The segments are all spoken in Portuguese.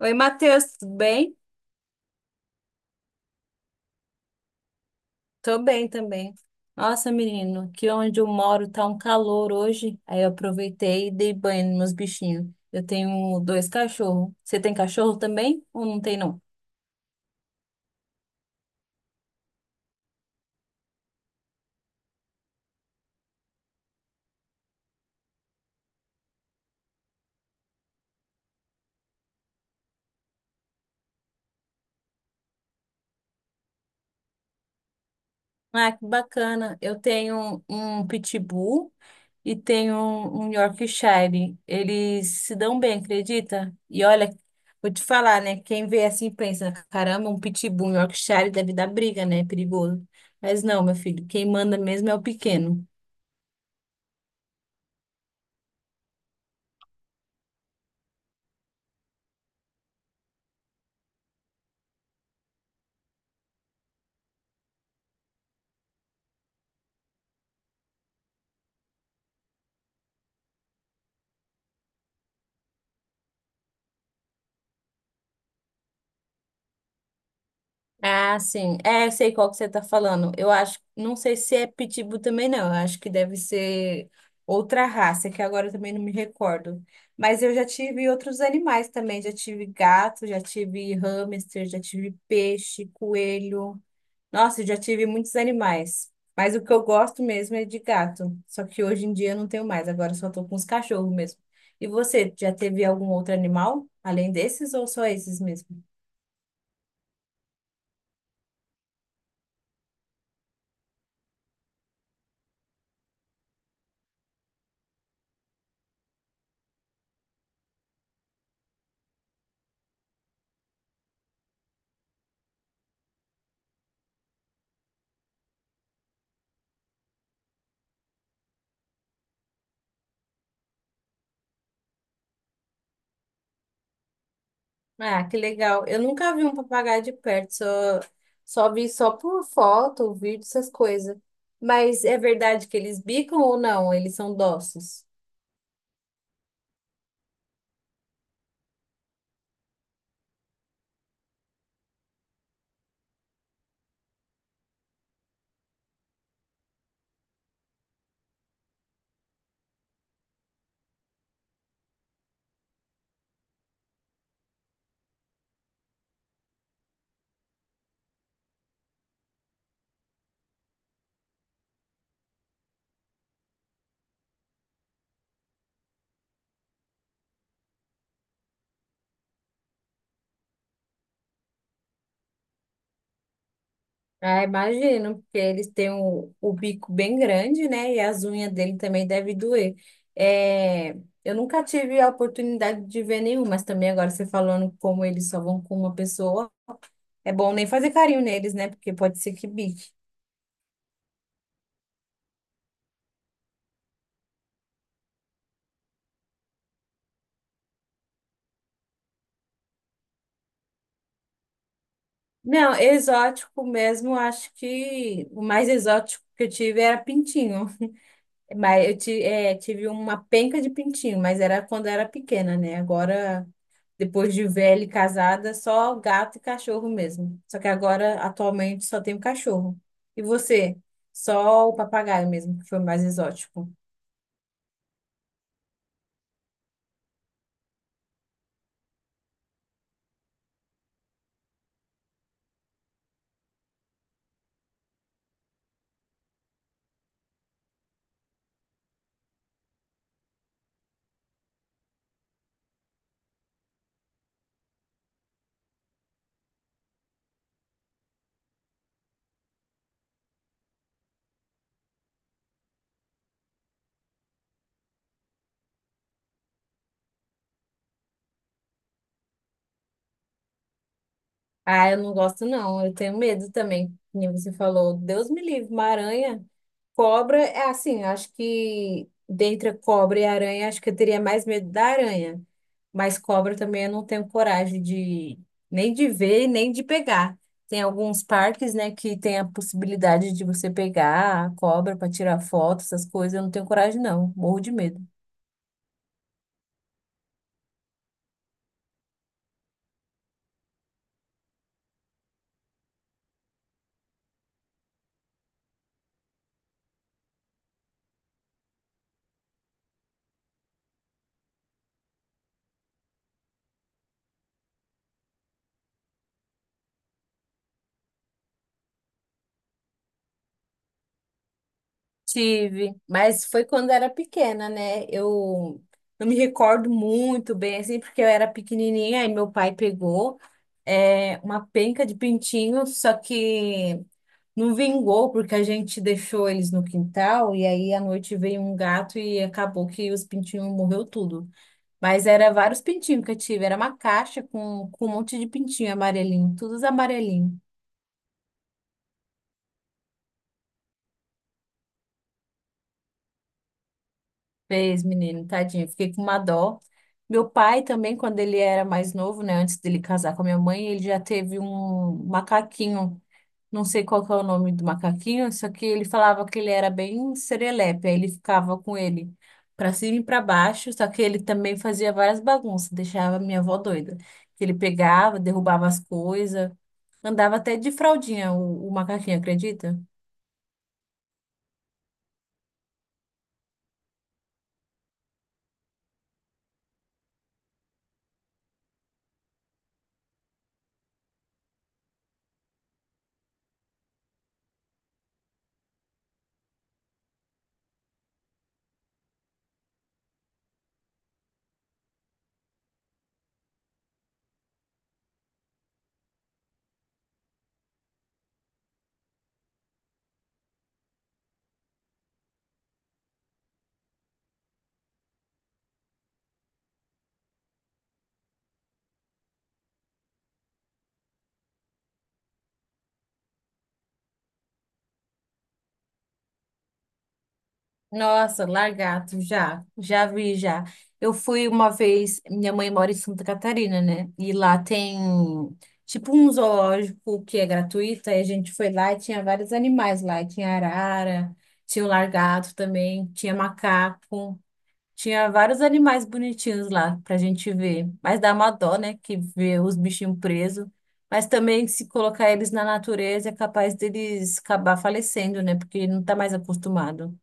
Oi, Matheus, tudo bem? Tô bem também. Nossa, menino, aqui onde eu moro tá um calor hoje. Aí eu aproveitei e dei banho nos meus bichinhos. Eu tenho dois cachorros. Você tem cachorro também ou não tem, não? Ah, que bacana. Eu tenho um pitbull e tenho um Yorkshire. Eles se dão bem, acredita? E olha, vou te falar, né? Quem vê assim pensa, caramba, um pitbull, um Yorkshire deve dar briga, né? Perigoso. Mas não, meu filho, quem manda mesmo é o pequeno. Ah, sim. É, eu sei qual que você tá falando. Eu acho, não sei se é pitbull também não. Eu acho que deve ser outra raça, que agora eu também não me recordo. Mas eu já tive outros animais também. Já tive gato, já tive hamster, já tive peixe, coelho. Nossa, eu já tive muitos animais. Mas o que eu gosto mesmo é de gato. Só que hoje em dia eu não tenho mais. Agora eu só tô com os cachorros mesmo. E você, já teve algum outro animal além desses ou só esses mesmo? Ah, que legal. Eu nunca vi um papagaio de perto, só vi só por foto, vídeo, essas coisas. Mas é verdade que eles bicam ou não? Eles são dóceis. Ah, imagino, porque eles têm o bico bem grande, né? E as unhas dele também devem doer. É, eu nunca tive a oportunidade de ver nenhum, mas também agora você falando como eles só vão com uma pessoa, é bom nem fazer carinho neles, né? Porque pode ser que bique. Não, exótico mesmo, acho que o mais exótico que eu tive era pintinho. Mas tive uma penca de pintinho, mas era quando eu era pequena, né? Agora, depois de velha e casada, só gato e cachorro mesmo. Só que agora, atualmente, só tenho cachorro. E você? Só o papagaio mesmo, que foi o mais exótico. Ah, eu não gosto, não. Eu tenho medo também. Como você falou, Deus me livre, uma aranha. Cobra, é assim, acho que dentre a cobra e a aranha, acho que eu teria mais medo da aranha. Mas cobra também eu não tenho coragem de nem de ver, nem de pegar. Tem alguns parques, né, que tem a possibilidade de você pegar a cobra para tirar foto, essas coisas. Eu não tenho coragem, não. Morro de medo. Tive, mas foi quando era pequena, né? Eu não me recordo muito bem, assim, porque eu era pequenininha. E meu pai pegou uma penca de pintinho, só que não vingou porque a gente deixou eles no quintal e aí à noite veio um gato e acabou que os pintinhos morreu tudo. Mas era vários pintinhos que eu tive, era uma caixa com um monte de pintinho amarelinho, todos amarelinhos. Fez, menino, tadinho, fiquei com uma dó. Meu pai também, quando ele era mais novo, né, antes dele casar com a minha mãe, ele já teve um macaquinho. Não sei qual que é o nome do macaquinho, só que ele falava que ele era bem serelepe, aí ele ficava com ele para cima e para baixo, só que ele também fazia várias bagunças, deixava a minha avó doida. Que ele pegava, derrubava as coisas, andava até de fraldinha o macaquinho, acredita? Nossa, lagarto, já, já vi, já. Eu fui uma vez, minha mãe mora em Santa Catarina, né? E lá tem tipo um zoológico que é gratuito, aí a gente foi lá e tinha vários animais lá, e tinha arara, tinha o lagarto também, tinha macaco, tinha vários animais bonitinhos lá pra gente ver. Mas dá uma dó, né, que ver os bichinhos presos. Mas também se colocar eles na natureza é capaz deles acabar falecendo, né? Porque não tá mais acostumado.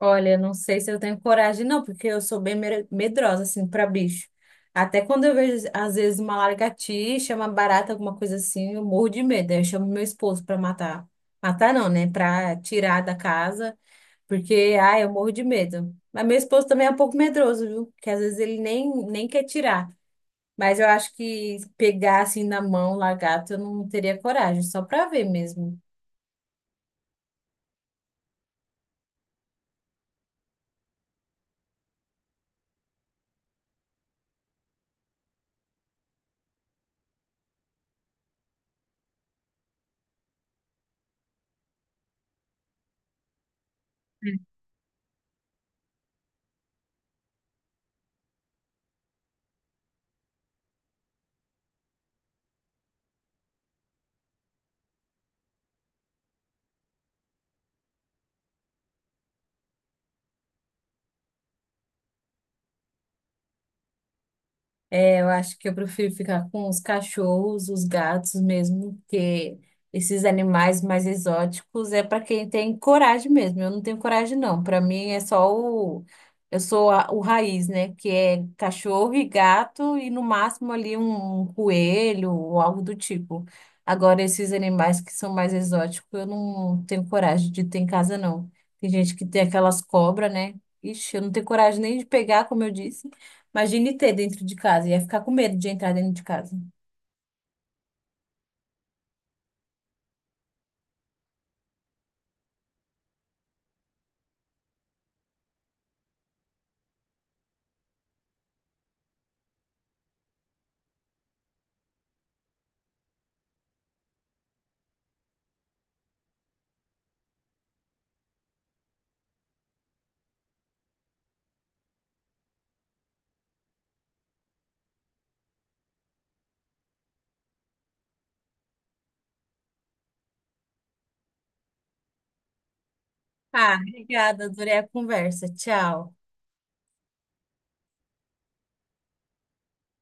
Olha, não sei se eu tenho coragem, não, porque eu sou medrosa, assim, para bicho. Até quando eu vejo, às vezes, uma lagartixa, uma barata, alguma coisa assim, eu morro de medo. Aí eu chamo meu esposo para matar. Matar não, né? Para tirar da casa, porque, ai, eu morro de medo. Mas meu esposo também é um pouco medroso, viu? Porque às vezes ele nem quer tirar. Mas eu acho que pegar assim na mão, lagarto, eu não teria coragem, só para ver mesmo. É, eu acho que eu prefiro ficar com os cachorros, os gatos mesmo, porque esses animais mais exóticos é para quem tem coragem mesmo. Eu não tenho coragem, não. Para mim é só o. O raiz, né? Que é cachorro e gato e no máximo ali um coelho ou algo do tipo. Agora, esses animais que são mais exóticos, eu não tenho coragem de ter em casa, não. Tem gente que tem aquelas cobras, né? Ixi, eu não tenho coragem nem de pegar, como eu disse. Imagine ter dentro de casa, ia ficar com medo de entrar dentro de casa. Ah, obrigada, adorei a conversa. Tchau.